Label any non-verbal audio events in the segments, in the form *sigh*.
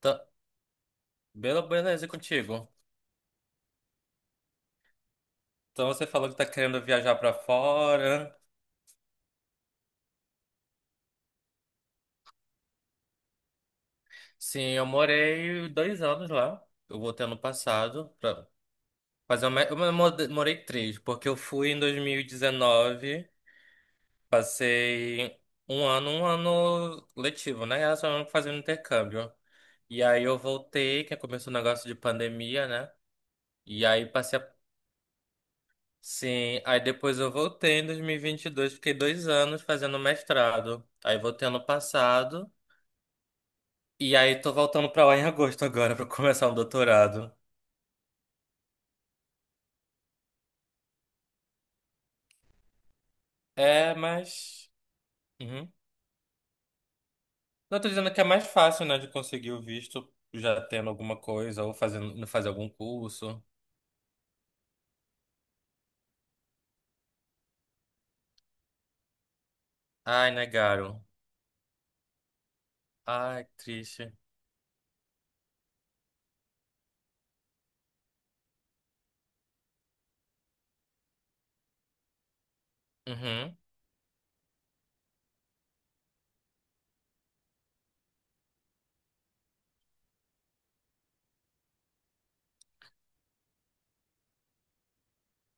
Tá. Bela beleza, e contigo? Então você falou que tá querendo viajar pra fora. Sim, eu morei 2 anos lá. Eu voltei ano passado pra fazer uma. Eu morei três, porque eu fui em 2019, passei um ano letivo, né? Era só fazendo intercâmbio. E aí eu voltei, que começou o negócio de pandemia, né? E aí passei a. Sim, aí depois eu voltei em 2022, fiquei 2 anos fazendo mestrado. Aí voltei ano passado. E aí tô voltando pra lá em agosto agora pra começar o doutorado. É, mas. Uhum. Não tô dizendo que é mais fácil, né, de conseguir o visto já tendo alguma coisa ou fazendo, fazer algum curso. Ai, negaram. Ai, que triste. Uhum.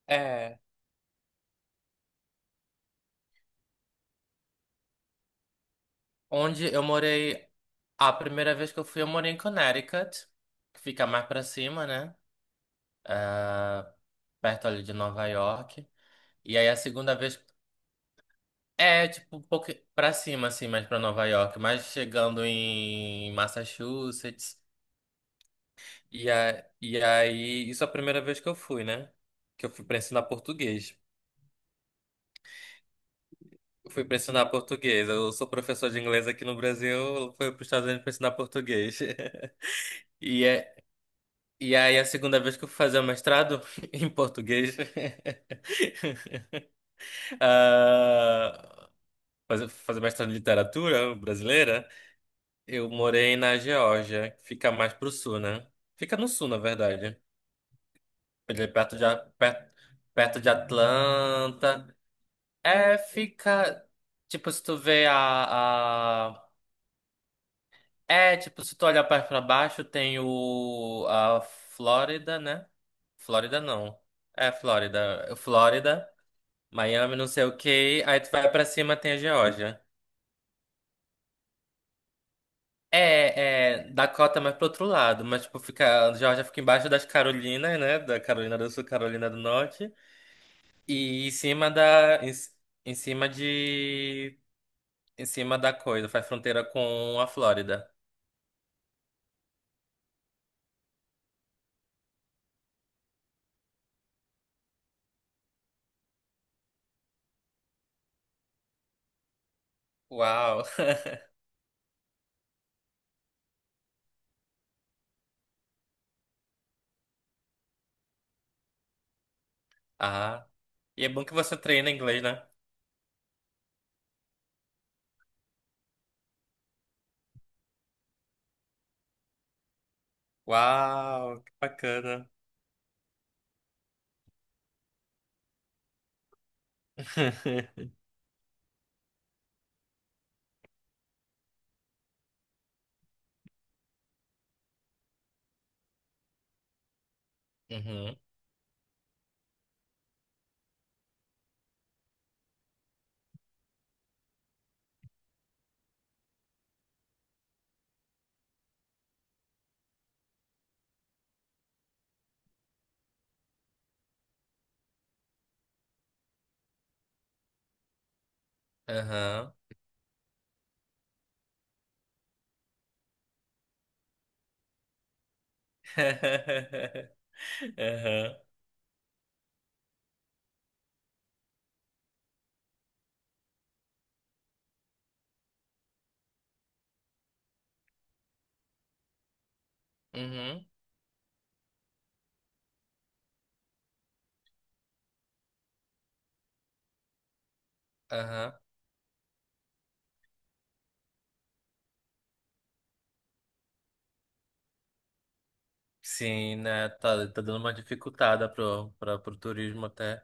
É. Onde eu morei. A primeira vez que eu fui, eu morei em Connecticut, que fica mais pra cima, né? Ah, perto ali de Nova York. E aí a segunda vez. É, tipo, um pouco pra cima, assim, mais pra Nova York, mas chegando em Massachusetts. E aí, isso é a primeira vez que eu fui, né? Que eu fui pra ensinar português. Eu fui pra ensinar português. Eu sou professor de inglês aqui no Brasil, fui pros Estados Unidos pra ensinar português. *laughs* E, é, e aí, a segunda vez que eu fui fazer o mestrado *laughs* em português. *laughs* Ah, fazer mestrado em literatura brasileira. Eu morei na Geórgia, que fica mais pro sul, né? Fica no sul, na verdade. Ele é perto de Atlanta. É, fica. Tipo, se tu vê a. É, tipo, se tu olhar pra baixo, tem o. A Flórida, né? Flórida não. É, Flórida. Flórida, Miami, não sei o quê. Aí tu vai pra cima, tem a Geórgia. Dakota mais pro outro lado, mas tipo, fica, a Georgia fica embaixo das Carolinas, né? Da Carolina do Sul, Carolina do Norte, e em cima de, em cima da coisa, faz fronteira com a Flórida. Uau! *laughs* Ah, e é bom que você treina inglês, né? Uau, que bacana. *laughs* Uhum, aham. *laughs* Aham, uhum, aham. Sim, né? Tá dando uma dificultada pro turismo até.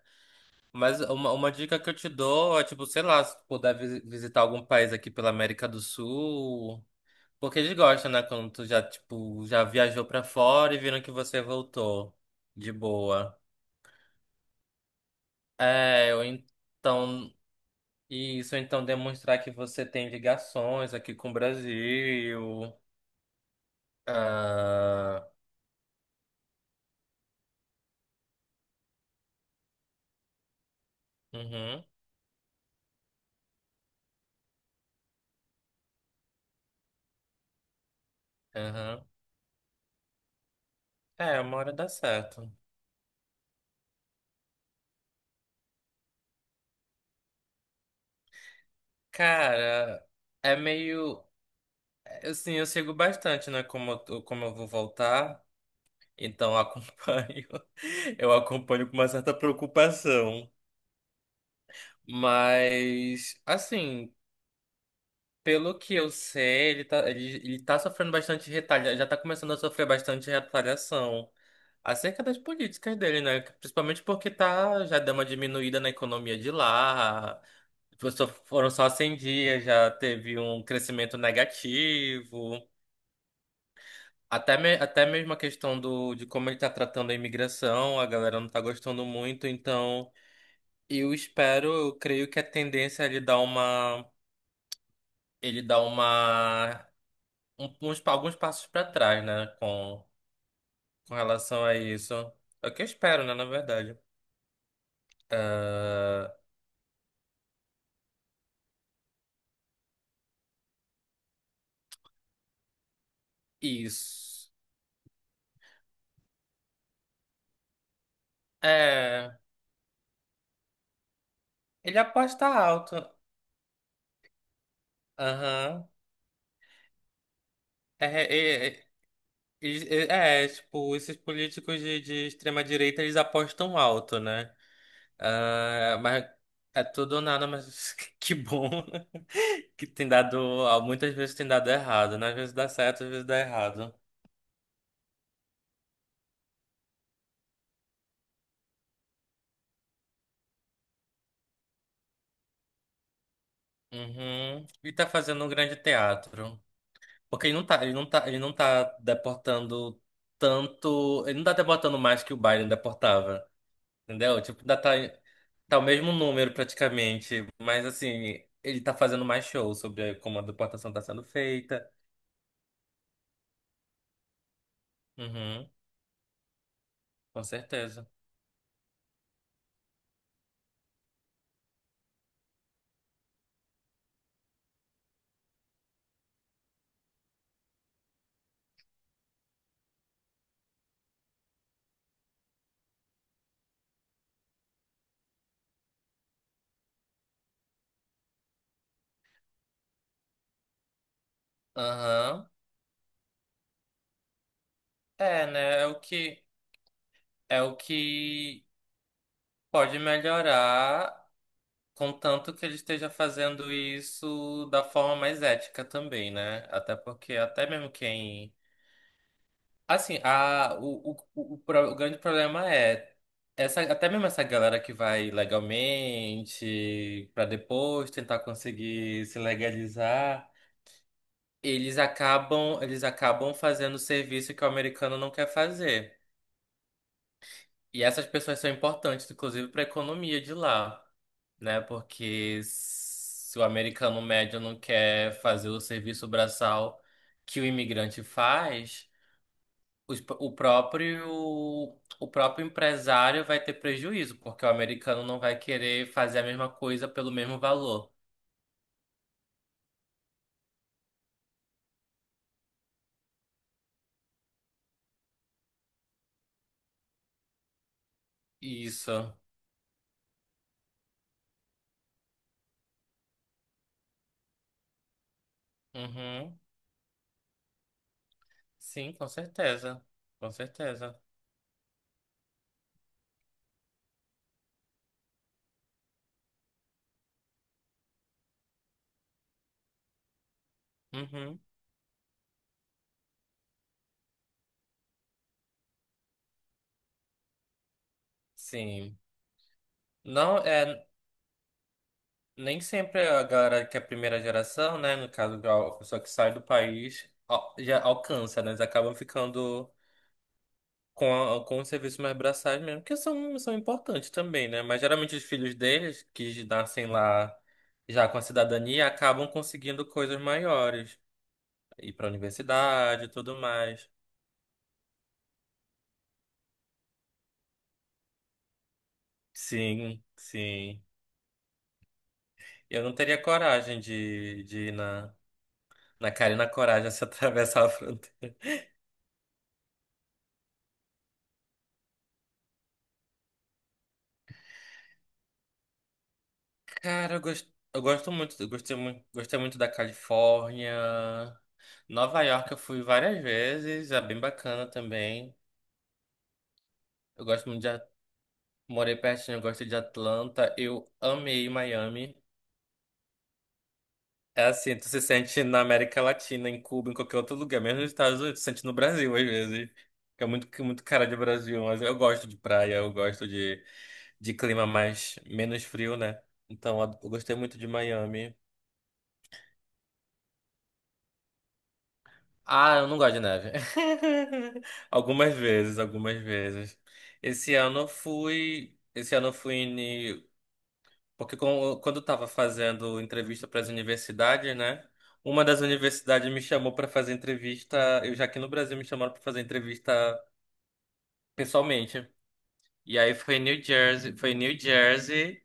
Mas uma dica que eu te dou é, tipo, sei lá, se tu puder visitar algum país aqui pela América do Sul. Porque eles gostam, né? Quando tu já, tipo, já viajou pra fora e viram que você voltou de boa. É, ou então. Isso, ou então demonstrar que você tem ligações aqui com o Brasil. Ah, uhum, uhum. É, uma hora dá certo. Cara, é meio. Assim, eu sigo bastante, né? Como, como eu vou voltar, então eu acompanho. *laughs* Eu acompanho com uma certa preocupação. Mas, assim, pelo que eu sei, ele tá sofrendo bastante retalha, já tá começando a sofrer bastante retaliação acerca das políticas dele, né? Principalmente porque tá, já deu uma diminuída na economia de lá. Foram só 100 dias, já teve um crescimento negativo. Até mesmo a questão do, de como ele tá tratando a imigração, a galera não tá gostando muito, então eu espero, eu creio que a tendência é ele dar uma, alguns passos para trás, né, com relação a isso. É o que eu espero, né, na verdade. Ah, isso. É, ele aposta alto. Aham. É, é, é, tipo, esses políticos de extrema direita, eles apostam alto, né? Ah, mas é tudo ou nada, mas *laughs* que bom *laughs* que tem dado. Muitas vezes tem dado errado, né? Às vezes dá certo, às vezes dá errado. Uhum. E tá fazendo um grande teatro. Porque ele não tá deportando tanto. Ele não tá deportando mais que o Biden deportava. Entendeu? Tipo, ainda tá o mesmo número praticamente. Mas assim, ele tá fazendo mais show sobre como a deportação tá sendo feita. Uhum, com certeza. Aham. É, né? É o que pode melhorar, contanto que ele esteja fazendo isso da forma mais ética também, né? Até porque até mesmo quem assim, a o pro- o grande problema é essa até mesmo essa galera que vai legalmente para depois tentar conseguir se legalizar, eles acabam fazendo serviço que o americano não quer fazer. E essas pessoas são importantes, inclusive, para a economia de lá, né? Porque se o americano médio não quer fazer o serviço braçal que o imigrante faz, os- o próprio, o próprio empresário vai ter prejuízo, porque o americano não vai querer fazer a mesma coisa pelo mesmo valor. Isso. Uhum. Sim, com certeza. Com certeza. Uhum. Sim. Não, nem sempre a galera que é primeira geração, né? No caso, a pessoa que sai do país já alcança, né? Eles acabam ficando com, com os serviços mais braçais mesmo, que são importantes também, né? Mas geralmente os filhos deles, que nascem lá já com a cidadania, acabam conseguindo coisas maiores. Ir pra universidade e tudo mais. Sim, sim. Eu não teria coragem de ir na cara e na coragem *laughs* se atravessar a. Cara, eu gosto muito, eu gostei muito da Califórnia. Nova York eu fui várias vezes, é bem bacana também. Eu gosto muito de, morei pertinho, eu gosto de Atlanta. Eu amei Miami. É assim, tu se sente na América Latina, em Cuba, em qualquer outro lugar, mesmo nos Estados Unidos, tu se sente no Brasil às vezes. Que é muito cara de Brasil, mas eu gosto de praia, eu gosto de clima mais, menos frio, né? Então eu gostei muito de Miami. Ah, eu não gosto de neve. *laughs* Algumas vezes, algumas vezes. Esse ano eu fui em, porque quando eu tava fazendo entrevista para as universidades, né? Uma das universidades me chamou para fazer entrevista, eu já aqui no Brasil me chamaram para fazer entrevista pessoalmente. E aí foi em New Jersey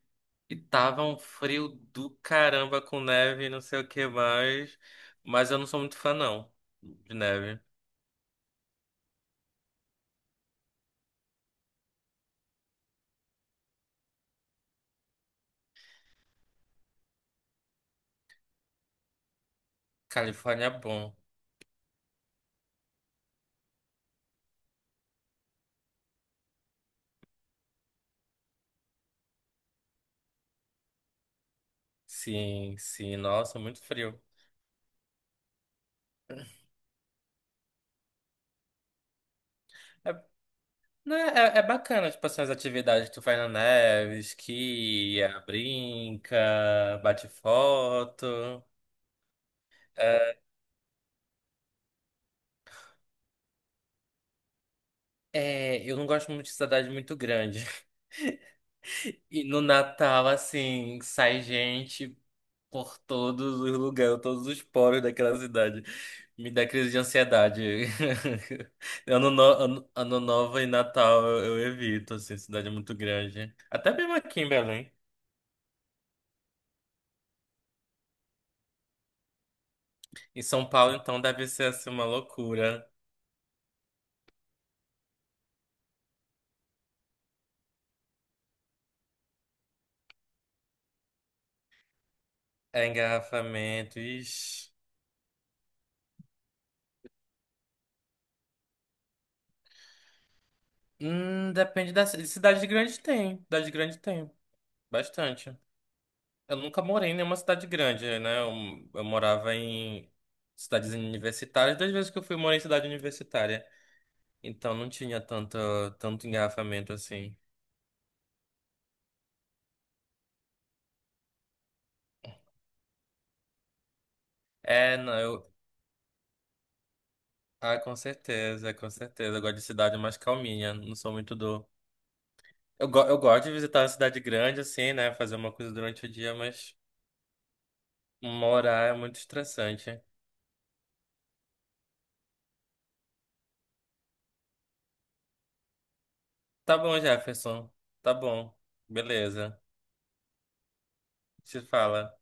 e tava um frio do caramba com neve, e não sei o que mais, mas eu não sou muito fã não de neve. Califórnia é bom. Sim, sim, nossa, muito frio. É, né, é bacana, tipo assim, as atividades que tu faz na neve, esquia, brinca, bate foto. É, eu não gosto muito de cidade muito grande. *laughs* E no Natal, assim, sai gente por todos os lugares, todos os poros daquela cidade. Me dá crise de ansiedade. *laughs* Ano, no- ano, ano novo e Natal eu evito, assim, cidade muito grande. Até mesmo aqui em Belém. Em São Paulo, então, deve ser assim uma loucura. É engarrafamento. Ixi. Depende da cidade grande tem. Cidade grande tem. Bastante. Eu nunca morei em nenhuma cidade grande, né? Eu morava em cidades universitárias. Das vezes que eu fui, eu morei em cidade universitária. Então não tinha tanto engarrafamento assim. É, não, eu. Ah, com certeza, com certeza. Eu gosto de cidade mais calminha. Não sou muito do. Eu gosto de visitar a cidade grande, assim, né? Fazer uma coisa durante o dia, mas. Morar é muito estressante. Tá bom, Jefferson. Tá bom. Beleza. Se fala.